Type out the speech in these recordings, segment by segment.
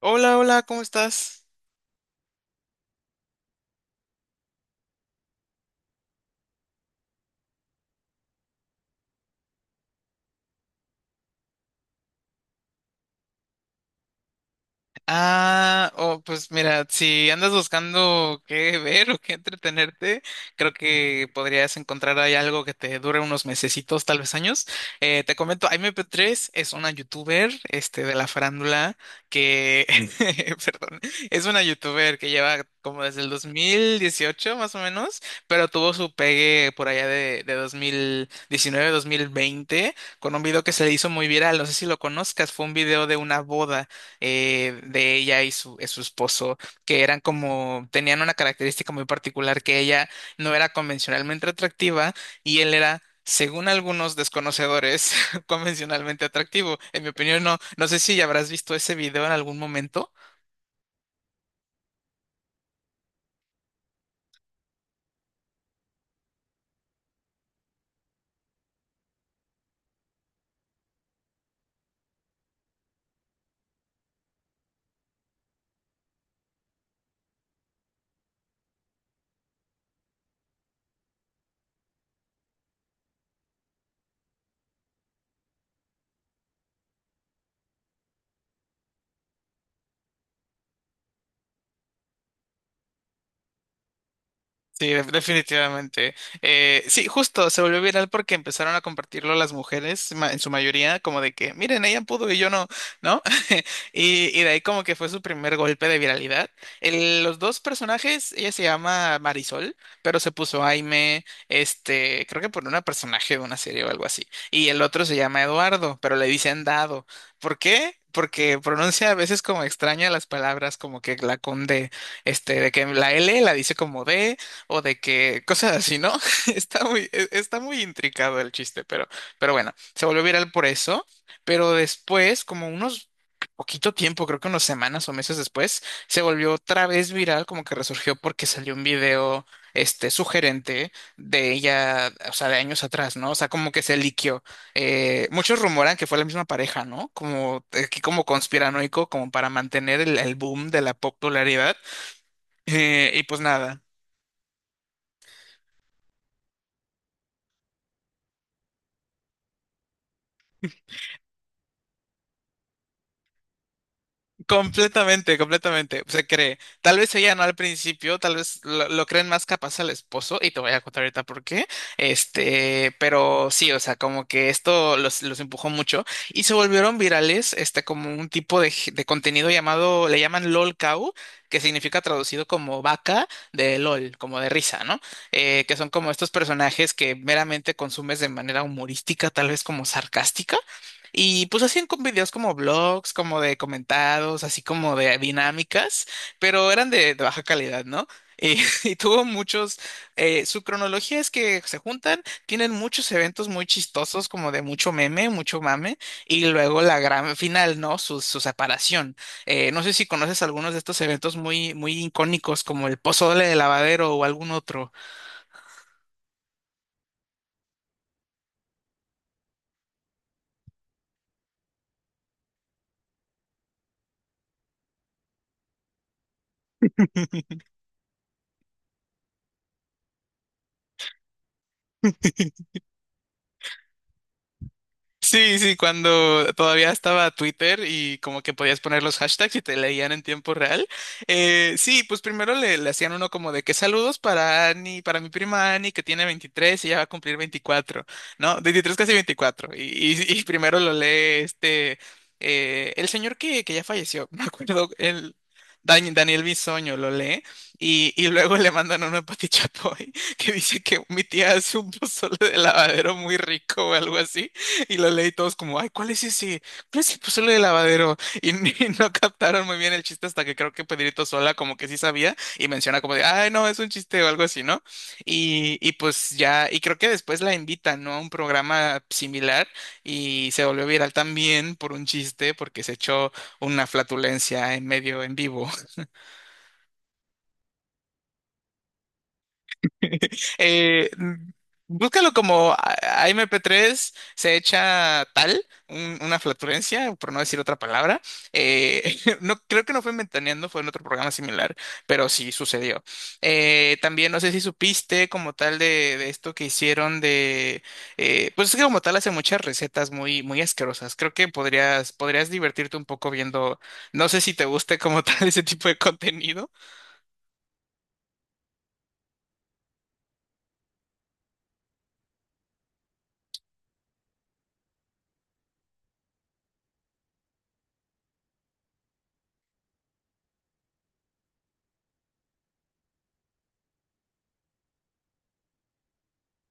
Hola, hola, ¿cómo estás? Ah, oh, pues mira, si andas buscando qué ver o qué entretenerte, creo que podrías encontrar ahí algo que te dure unos mesecitos, tal vez años. Te comento, imp tres es una youtuber, este, de la farándula que, perdón, es una youtuber que lleva como desde el 2018 más o menos, pero tuvo su pegue por allá de 2019, 2020 con un video que se le hizo muy viral, no sé si lo conozcas, fue un video de una boda de ella y y su esposo, que eran como, tenían una característica muy particular, que ella no era convencionalmente atractiva y él era... Según algunos desconocedores, convencionalmente atractivo. En mi opinión, no. No sé si habrás visto ese video en algún momento. Sí, definitivamente. Sí, justo se volvió viral porque empezaron a compartirlo las mujeres, en su mayoría, como de que, miren, ella pudo y yo no, ¿no? Y de ahí como que fue su primer golpe de viralidad. Los dos personajes, ella se llama Marisol, pero se puso Aime, este, creo que por una personaje de una serie o algo así. Y el otro se llama Eduardo, pero le dicen Dado. ¿Por qué? Porque pronuncia a veces como extraña las palabras, como que la conde, este, de que la L la dice como D o de que cosas así, ¿no? Está muy, está muy intricado el chiste, pero bueno, se volvió viral por eso. Pero después, como unos poquito tiempo, creo que unas semanas o meses después, se volvió otra vez viral, como que resurgió porque salió un video, este, sugerente de ella, o sea, de años atrás, ¿no? O sea, como que se liqueó. Muchos rumoran que fue la misma pareja, ¿no? Como aquí como conspiranoico, como para mantener el boom de la popularidad. Y pues nada. Completamente, completamente. Se cree. Tal vez ella no al principio, tal vez lo creen más capaz al esposo, y te voy a contar ahorita por qué. Este, pero sí, o sea, como que esto los empujó mucho y se volvieron virales, este, como un tipo de contenido llamado, le llaman LOL Cow, que significa traducido como vaca de LOL, como de risa, ¿no? Que son como estos personajes que meramente consumes de manera humorística, tal vez como sarcástica y pues hacían con videos como blogs, como de comentados, así como de dinámicas, pero eran de baja calidad, ¿no? Y, y tuvo muchos, su cronología es que se juntan, tienen muchos eventos muy chistosos, como de mucho meme, mucho mame, y luego la gran final, ¿no? Su separación. No sé si conoces algunos de estos eventos muy, muy icónicos, como el pozole de lavadero o algún otro. Sí, sí, cuando todavía estaba Twitter y como que podías poner los hashtags y te leían en tiempo real. Sí, pues primero le hacían uno como de que saludos para Ani, para mi prima Ani que tiene 23 y ya va a cumplir 24, ¿no? 23 casi 24. Y primero lo lee este, el señor que ya falleció, me acuerdo, el... Daniel Bisoño lo lee y luego le mandan uno a Pati Chapoy que dice que mi tía hace un pozole de lavadero muy rico o algo así. Y lo leí todos como, ay, ¿cuál es ese? ¿Cuál es el pozole de lavadero? Y, ni- no captaron muy bien el chiste hasta que creo que Pedrito Sola como que sí sabía y menciona como de, ay, no, es un chiste o algo así, ¿no? Y pues ya, y creo que después la invitan, ¿no? A un programa similar y se volvió viral también por un chiste porque se echó una flatulencia en medio en vivo. Eh, búscalo como AMP3 se echa tal, una flatulencia, por no decir otra palabra. No, creo que no fue en Ventaneando, fue en otro programa similar, pero sí sucedió. También no sé si supiste como tal de esto que hicieron de... pues es que como tal hace muchas recetas muy, muy asquerosas. Creo que podrías, podrías divertirte un poco viendo... No sé si te guste como tal ese tipo de contenido.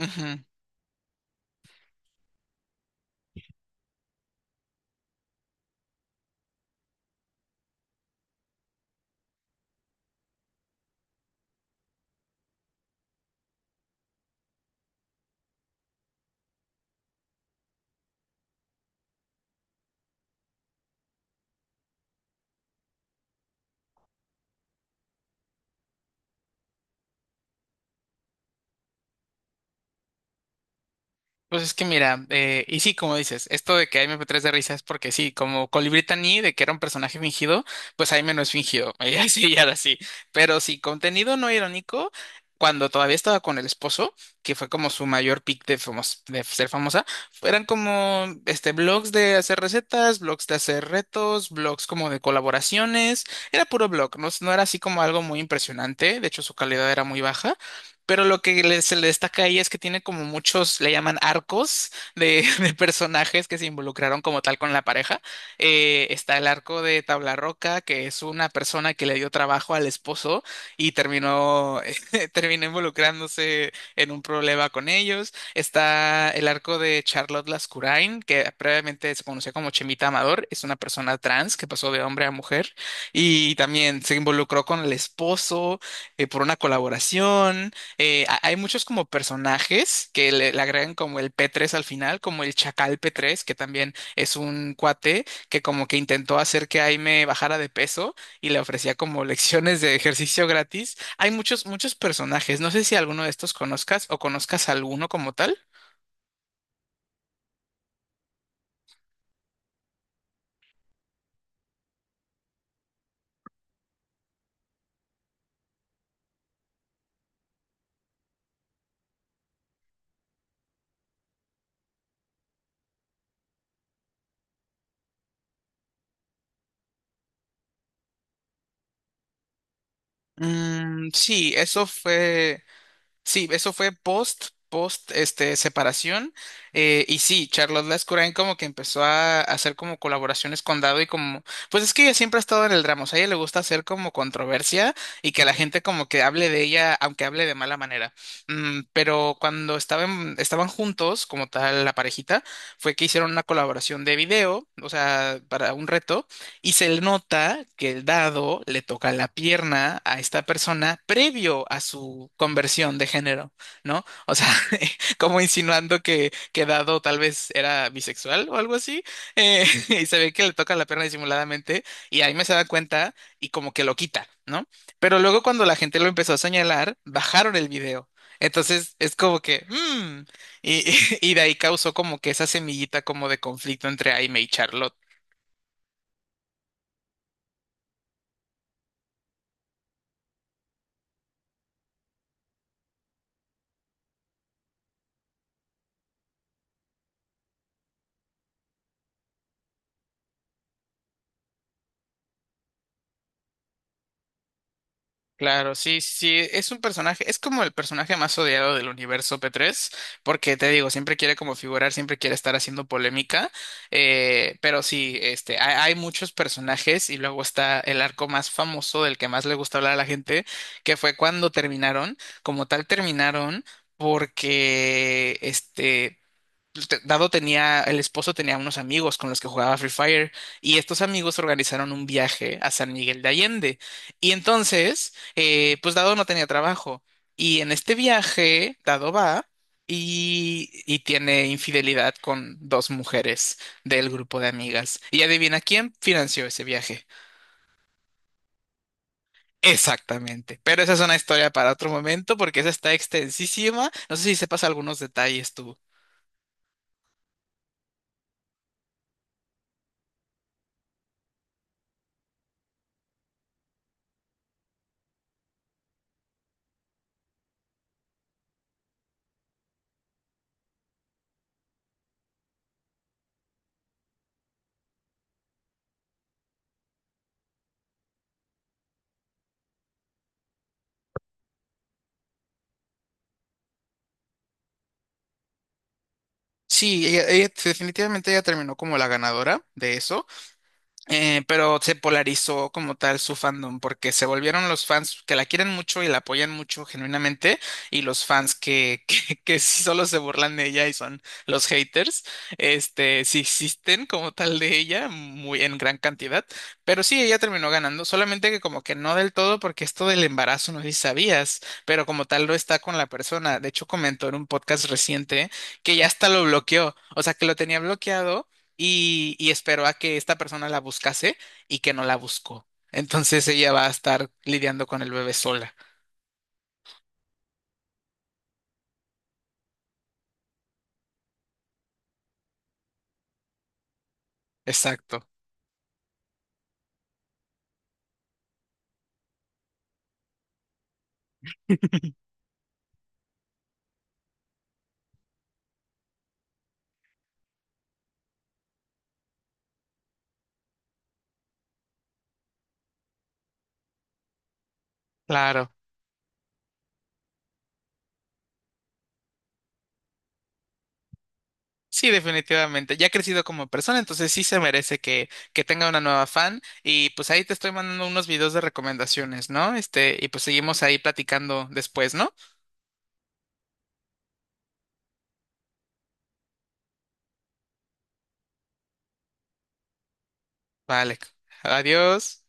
Ujú. Pues es que mira, y sí, como dices, esto de que MP3 de risa es porque sí, como Colibrí Taní, de que era un personaje fingido, pues Jaime no es fingido, ella sí, ella ahora sí. Pero sí, contenido no irónico, cuando todavía estaba con el esposo, que fue como su mayor pick de ser famosa, eran como este, blogs de hacer recetas, blogs de hacer retos, blogs como de colaboraciones, era puro blog, no, no era así como algo muy impresionante, de hecho su calidad era muy baja pero lo que se le destaca ahí es que tiene como muchos, le llaman arcos de, de personajes que se involucraron como tal con la pareja. Está el arco de Tablarroca, que es una persona que le dio trabajo al esposo y terminó, terminó involucrándose en un problema con ellos. Está el arco de Charlotte Lascurain, que previamente se conocía como Chemita Amador, es una persona trans que pasó de hombre a mujer y también se involucró con el esposo por una colaboración hay muchos como personajes que le agregan como el P3 al final, como el Chacal P3 que también es un cuate que como que intentó hacer que Aime bajara de peso y le ofrecía como lecciones de ejercicio gratis. Hay muchos, muchos personajes. No sé si alguno de estos conozcas o conozcas alguno como tal. Mm, sí, eso fue. Sí, eso fue post, este, separación. Y sí, Charlotte Lascurain como que empezó a hacer como colaboraciones con Dado y como, pues es que ella siempre ha estado en el drama, o sea, a ella le gusta hacer como controversia y que la gente como que hable de ella, aunque hable de mala manera. Pero cuando estaban juntos, como tal, la parejita, fue que hicieron una colaboración de video, o sea, para un reto, y se le nota que el dado le toca la pierna a esta persona previo a su conversión de género, ¿no? O sea, como insinuando que dado tal vez era bisexual o algo así, y se ve que le toca la pierna disimuladamente y ahí me se da cuenta y como que lo quita, ¿no? Pero luego cuando la gente lo empezó a señalar, bajaron el video. Entonces es como que, y, y de ahí causó como que esa semillita como de conflicto entre Aime y Charlotte. Claro, sí, sí, sí, es un personaje, es como el personaje más odiado del universo P3, porque te digo, siempre quiere como figurar, siempre quiere estar haciendo polémica, pero sí, este, hay muchos personajes y luego está el arco más famoso del que más le gusta hablar a la gente, que fue cuando terminaron, como tal terminaron, porque, este, Dado tenía, el esposo tenía unos amigos con los que jugaba Free Fire y estos amigos organizaron un viaje a San Miguel de Allende. Y entonces, pues Dado no tenía trabajo. Y en este viaje, Dado va y tiene infidelidad con dos mujeres del grupo de amigas. Y adivina quién financió ese viaje. Exactamente. Pero esa es una historia para otro momento porque esa está extensísima. No sé si sepas algunos detalles. Sí, definitivamente ella terminó como la ganadora de eso. Pero se polarizó como tal su fandom, porque se volvieron los fans que la quieren mucho y la apoyan mucho genuinamente, y los fans que, que sí solo se burlan de ella y son los haters, este, sí existen como tal de ella, muy en gran cantidad, pero sí, ella terminó ganando, solamente que como que no del todo, porque esto del embarazo no sé si sabías, pero como tal no está con la persona, de hecho comentó en un podcast reciente que ya hasta lo bloqueó, o sea que lo tenía bloqueado y esperó a que esta persona la buscase y que no la buscó. Entonces ella va a estar lidiando con el bebé sola. Exacto. Claro. Sí, definitivamente. Ya ha crecido como persona, entonces sí se merece que tenga una nueva fan. Y pues ahí te estoy mandando unos videos de recomendaciones, ¿no? Este, y pues seguimos ahí platicando después, ¿no? Vale. Adiós.